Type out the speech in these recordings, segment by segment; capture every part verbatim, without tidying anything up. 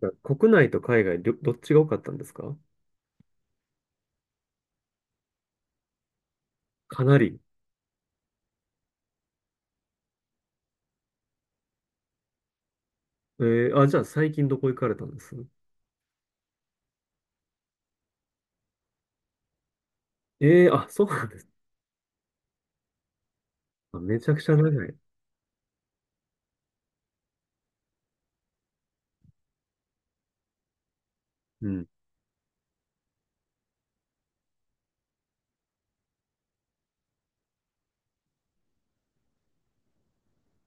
なんか国内と海外、りょどっちが多かったんですか？かなり。えー、あ、じゃあ最近どこ行かれたんです？えー、あ、そうなんです。あ、めちゃくちゃ長い。うん。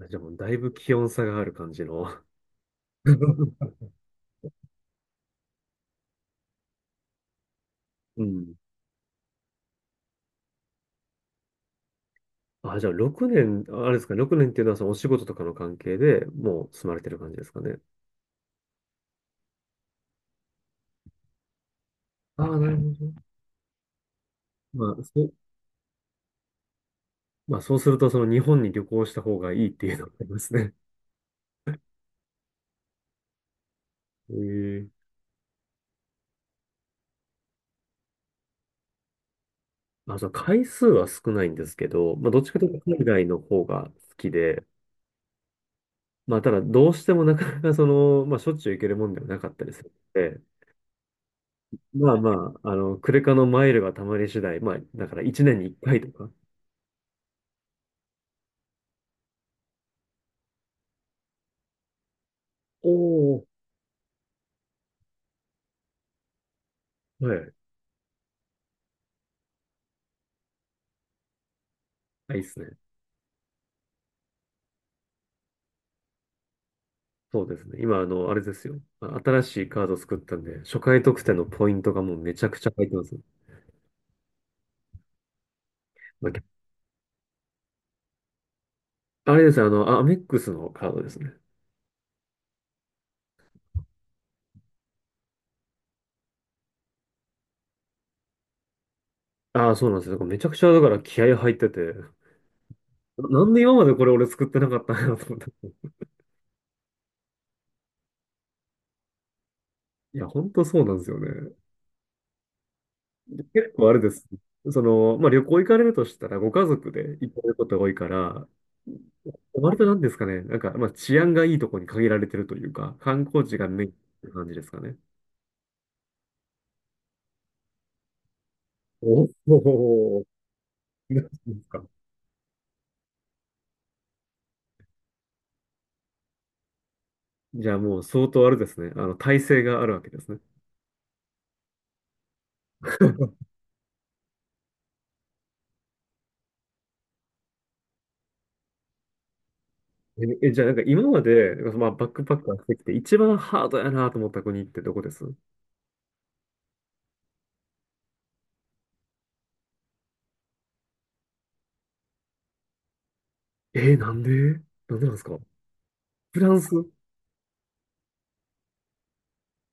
あ、じゃあもうだいぶ気温差がある感じの。うん。あ、じゃあろくねん、あ、あれですか、ろくねんっていうのはそのお仕事とかの関係でもう住まれてる感じですかね。ああ、なるほど。まあ、そう、まあそうするとその日本に旅行した方がいいっていうのがありますね。ええ。あ、そう、回数は少ないんですけど、まあどっちかというと海外の方が好きで、まあ、ただ、どうしてもなかなかその、まあ、しょっちゅう行けるもんではなかったりするので、まあまあ、あの、クレカのマイルがたまり次第、まあ、だからいちねんにいっかいとか。おお。はい。あ、いいっすね。そうですね。今、あの、あれですよ。あ、新しいカード作ったんで、初回特典のポイントがもうめちゃくちゃ入ってます。まあ、あれですよ、あの、あ、アメックスのカードですね。ああ、そうなんですよ。だからめちゃくちゃ、だから気合入ってて、ななんで今までこれ俺作ってなかったんやろうと思って。いや、ほんとそうなんですよね。結構あれです。その、まあ、旅行行かれるとしたら、ご家族で行かれることが多いから、割となんですかね、なんか、まあ、治安がいいところに限られてるというか、観光地がメインって感じですかね。おお、なんですか。じゃあもう相当あれですね。あの、体制があるわけですね。え、えじゃあなんか今まで、まあ、バックパッカーしてきて、一番ハードやなと思った国ってどこです？えーなんで？なんでなんですか？フランス？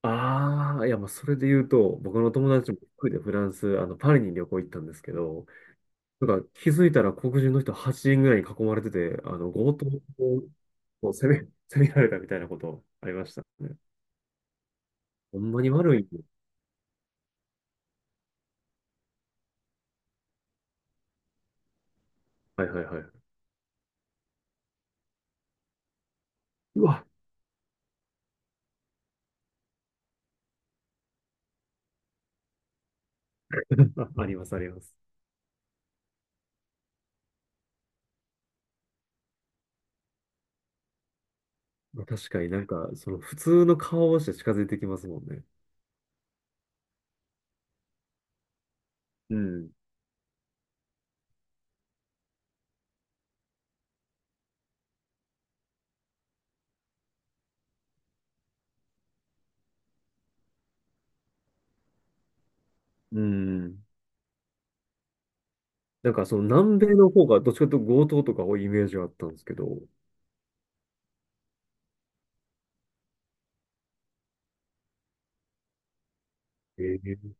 ああ、いや、まあ、それで言うと、僕の友達も一人でフランス、あの、パリに旅行行ったんですけど、なんか気づいたら黒人の人はちにんぐらいに囲まれてて、あの、強盗をこう攻め、攻められたみたいなことありましたね。ほんまに悪い。はいはいはい。うわ、あ、ありますあります。まあ、確かになんか、その普通の顔をして近づいてきますもんね。うん。うん。なんかその南米の方がどっちかというと強盗とか多いイメージがあったんですけど、ええ、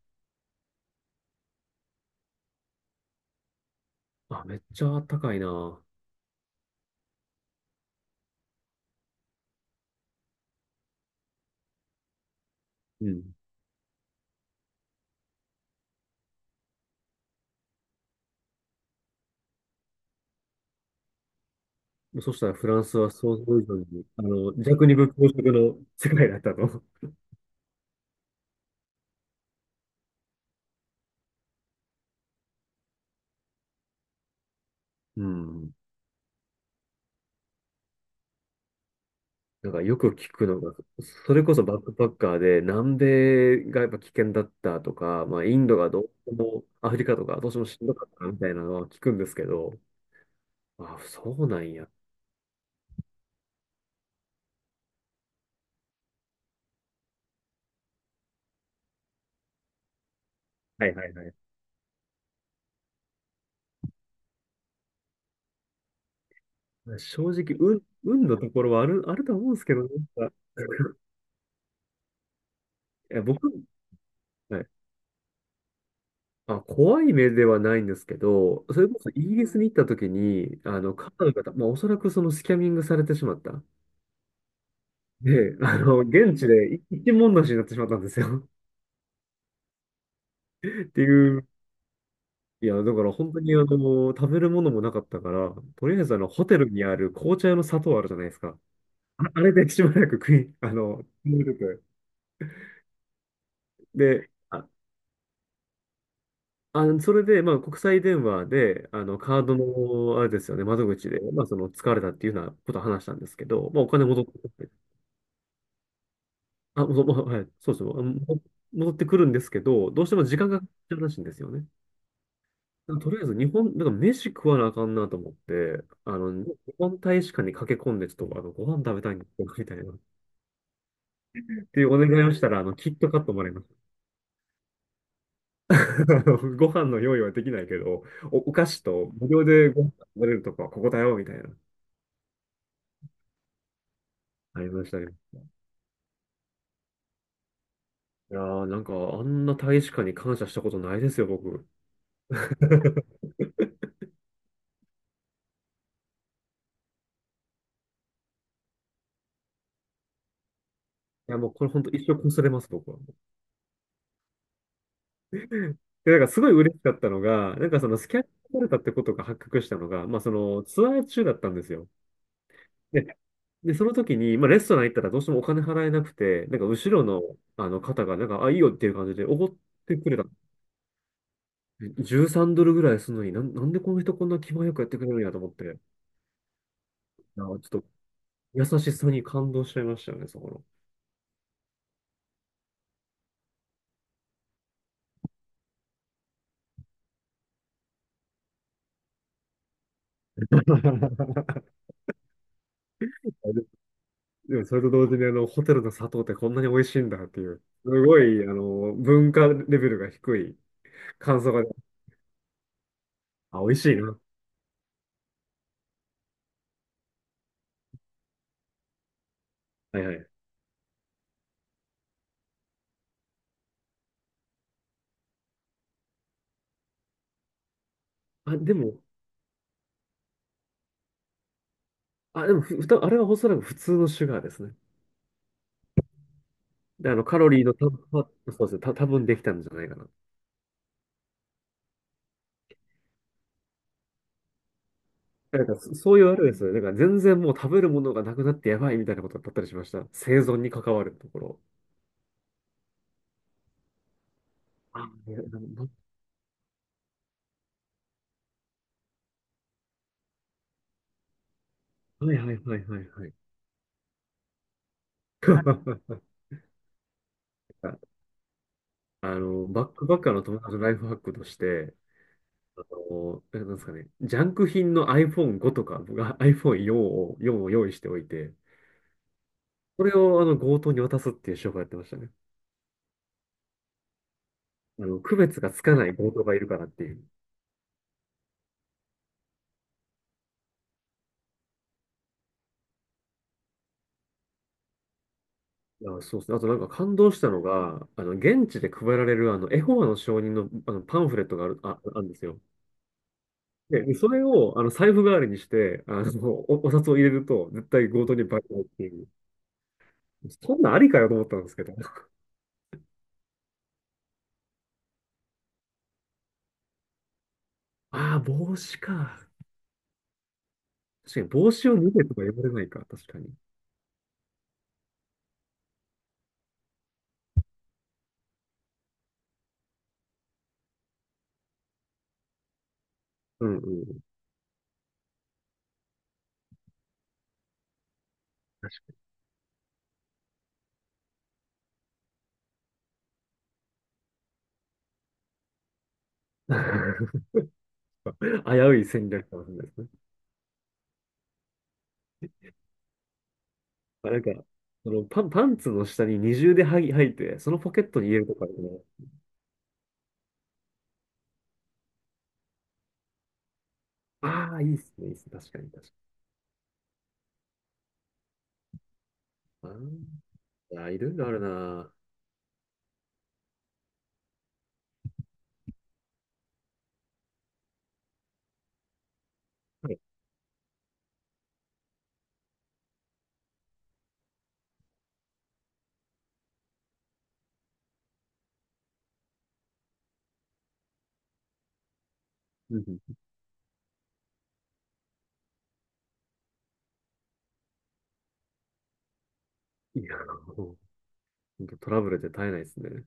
あ、めっちゃあったかいな。うん。そしたらフランスは想像以上に、あの、弱肉強食の世界だったと。うん。なんかよく聞くのが、それこそバックパッカーで南米がやっぱ危険だったとか、まあインドがどうしても、アフリカとかどうしてもしんどかったみたいなのは聞くんですけど、あ、そうなんや。はいはいはい。正直、運、運のところはある、あると思うんですけどね。なんか、いや、僕、はい。あ、怖い目ではないんですけど、それこそイギリスに行った時に、あの、カナダの方、まあ、おそらくそのスキャミングされてしまった。で、あの、現地で一文無しになってしまったんですよ。っていう。いや、だから本当にあの、食べるものもなかったから、とりあえずあの、ホテルにある紅茶用の砂糖あるじゃないですか。あ、あれでしばらく食い、あの、飲んでて、で、あ、あの、それで、まあ、国際電話で、あの、カードの、あれですよね、窓口で、まあ、その、疲れたっていうようなことを話したんですけど、まあ、お金戻ってくる？あ、もうもう、はい、そうそう、あのも戻ってくるんですけど、どうしても時間がかかっちゃうらしいんですよね。だからとりあえず日本、なんか飯食わなあかんなと思って、あの、日本大使館に駆け込んで、ちょっとあのご飯食べたいんですけど、みたいな。っていうお願いをしたら、あの、キットカットもらいました。あのご飯の用意はできないけど、お、お菓子と無料でご飯食べれるとこはここだよ、みたいな。ありましたね。いやー、なんか、あんな大使館に感謝したことないですよ、僕。いや、もうこれ本当一生こすれます、僕は。で、なんかすごい嬉しかったのが、なんかそのスキャンされたってことが発覚したのが、まあそのツアー中だったんですよ。で、で、その時に、まあレストラン行ったらどうしてもお金払えなくて、なんか後ろのあの方が、なんか、あ、いいよっていう感じでおごってくれた。じゅうさんドルぐらいするのになん、なんでこの人こんな気前よくやってくれるんやと思って、あ、ちょっと優しさに感動しちゃいましたよね、そこの。ででもそれと同時にあの、ホテルの砂糖ってこんなに美味しいんだっていう、すごい、あの、文化レベルが低い感想が、あ、美味しいな。はいはい。あ、でも、あ、でも、ふ、ふた、あれはおそらく普通のシュガーですね。で、あの、カロリーのた、たそうですね、た、多分できたんじゃないかな。なんか、そそういうあれですよね。なんか、全然もう食べるものがなくなってやばいみたいなことだったりしました。生存に関わるところ。あ、いやななはいはいはいはいはい。あの、バックパッカーの友達のライフハックとして、あの、えなんですかね、ジャンク品の アイフォンファイブ とか、僕は アイフォンフォー を、フォーを用意しておいて、それをあの強盗に渡すっていう手法やってましたね。あの、区別がつかない強盗がいるからっていう。あ、そうですね。あとなんか感動したのが、あの、現地で配られるあの、エホバの証人の、あのパンフレットがある、あ、あるんですよ。で、でそれをあの財布代わりにして、あの、お、お札を入れると、絶対強盗にバレないっていう。そんなんありかよと思ったんですけど。ああ、帽子か。確かに帽子を脱げとか言われないか。確かに。うんうん。確かに 危うい戦略かもしれないですね。あ、なんか、そのパン、パンツの下に二重ではい履いて、そのポケットに入れるとかね。ああ、いいっすね、いいっすね。確かに、確かに。あーいや、いろいろあるな。はい。うんうん、いや、もう、ほんとトラブルで絶えないですね。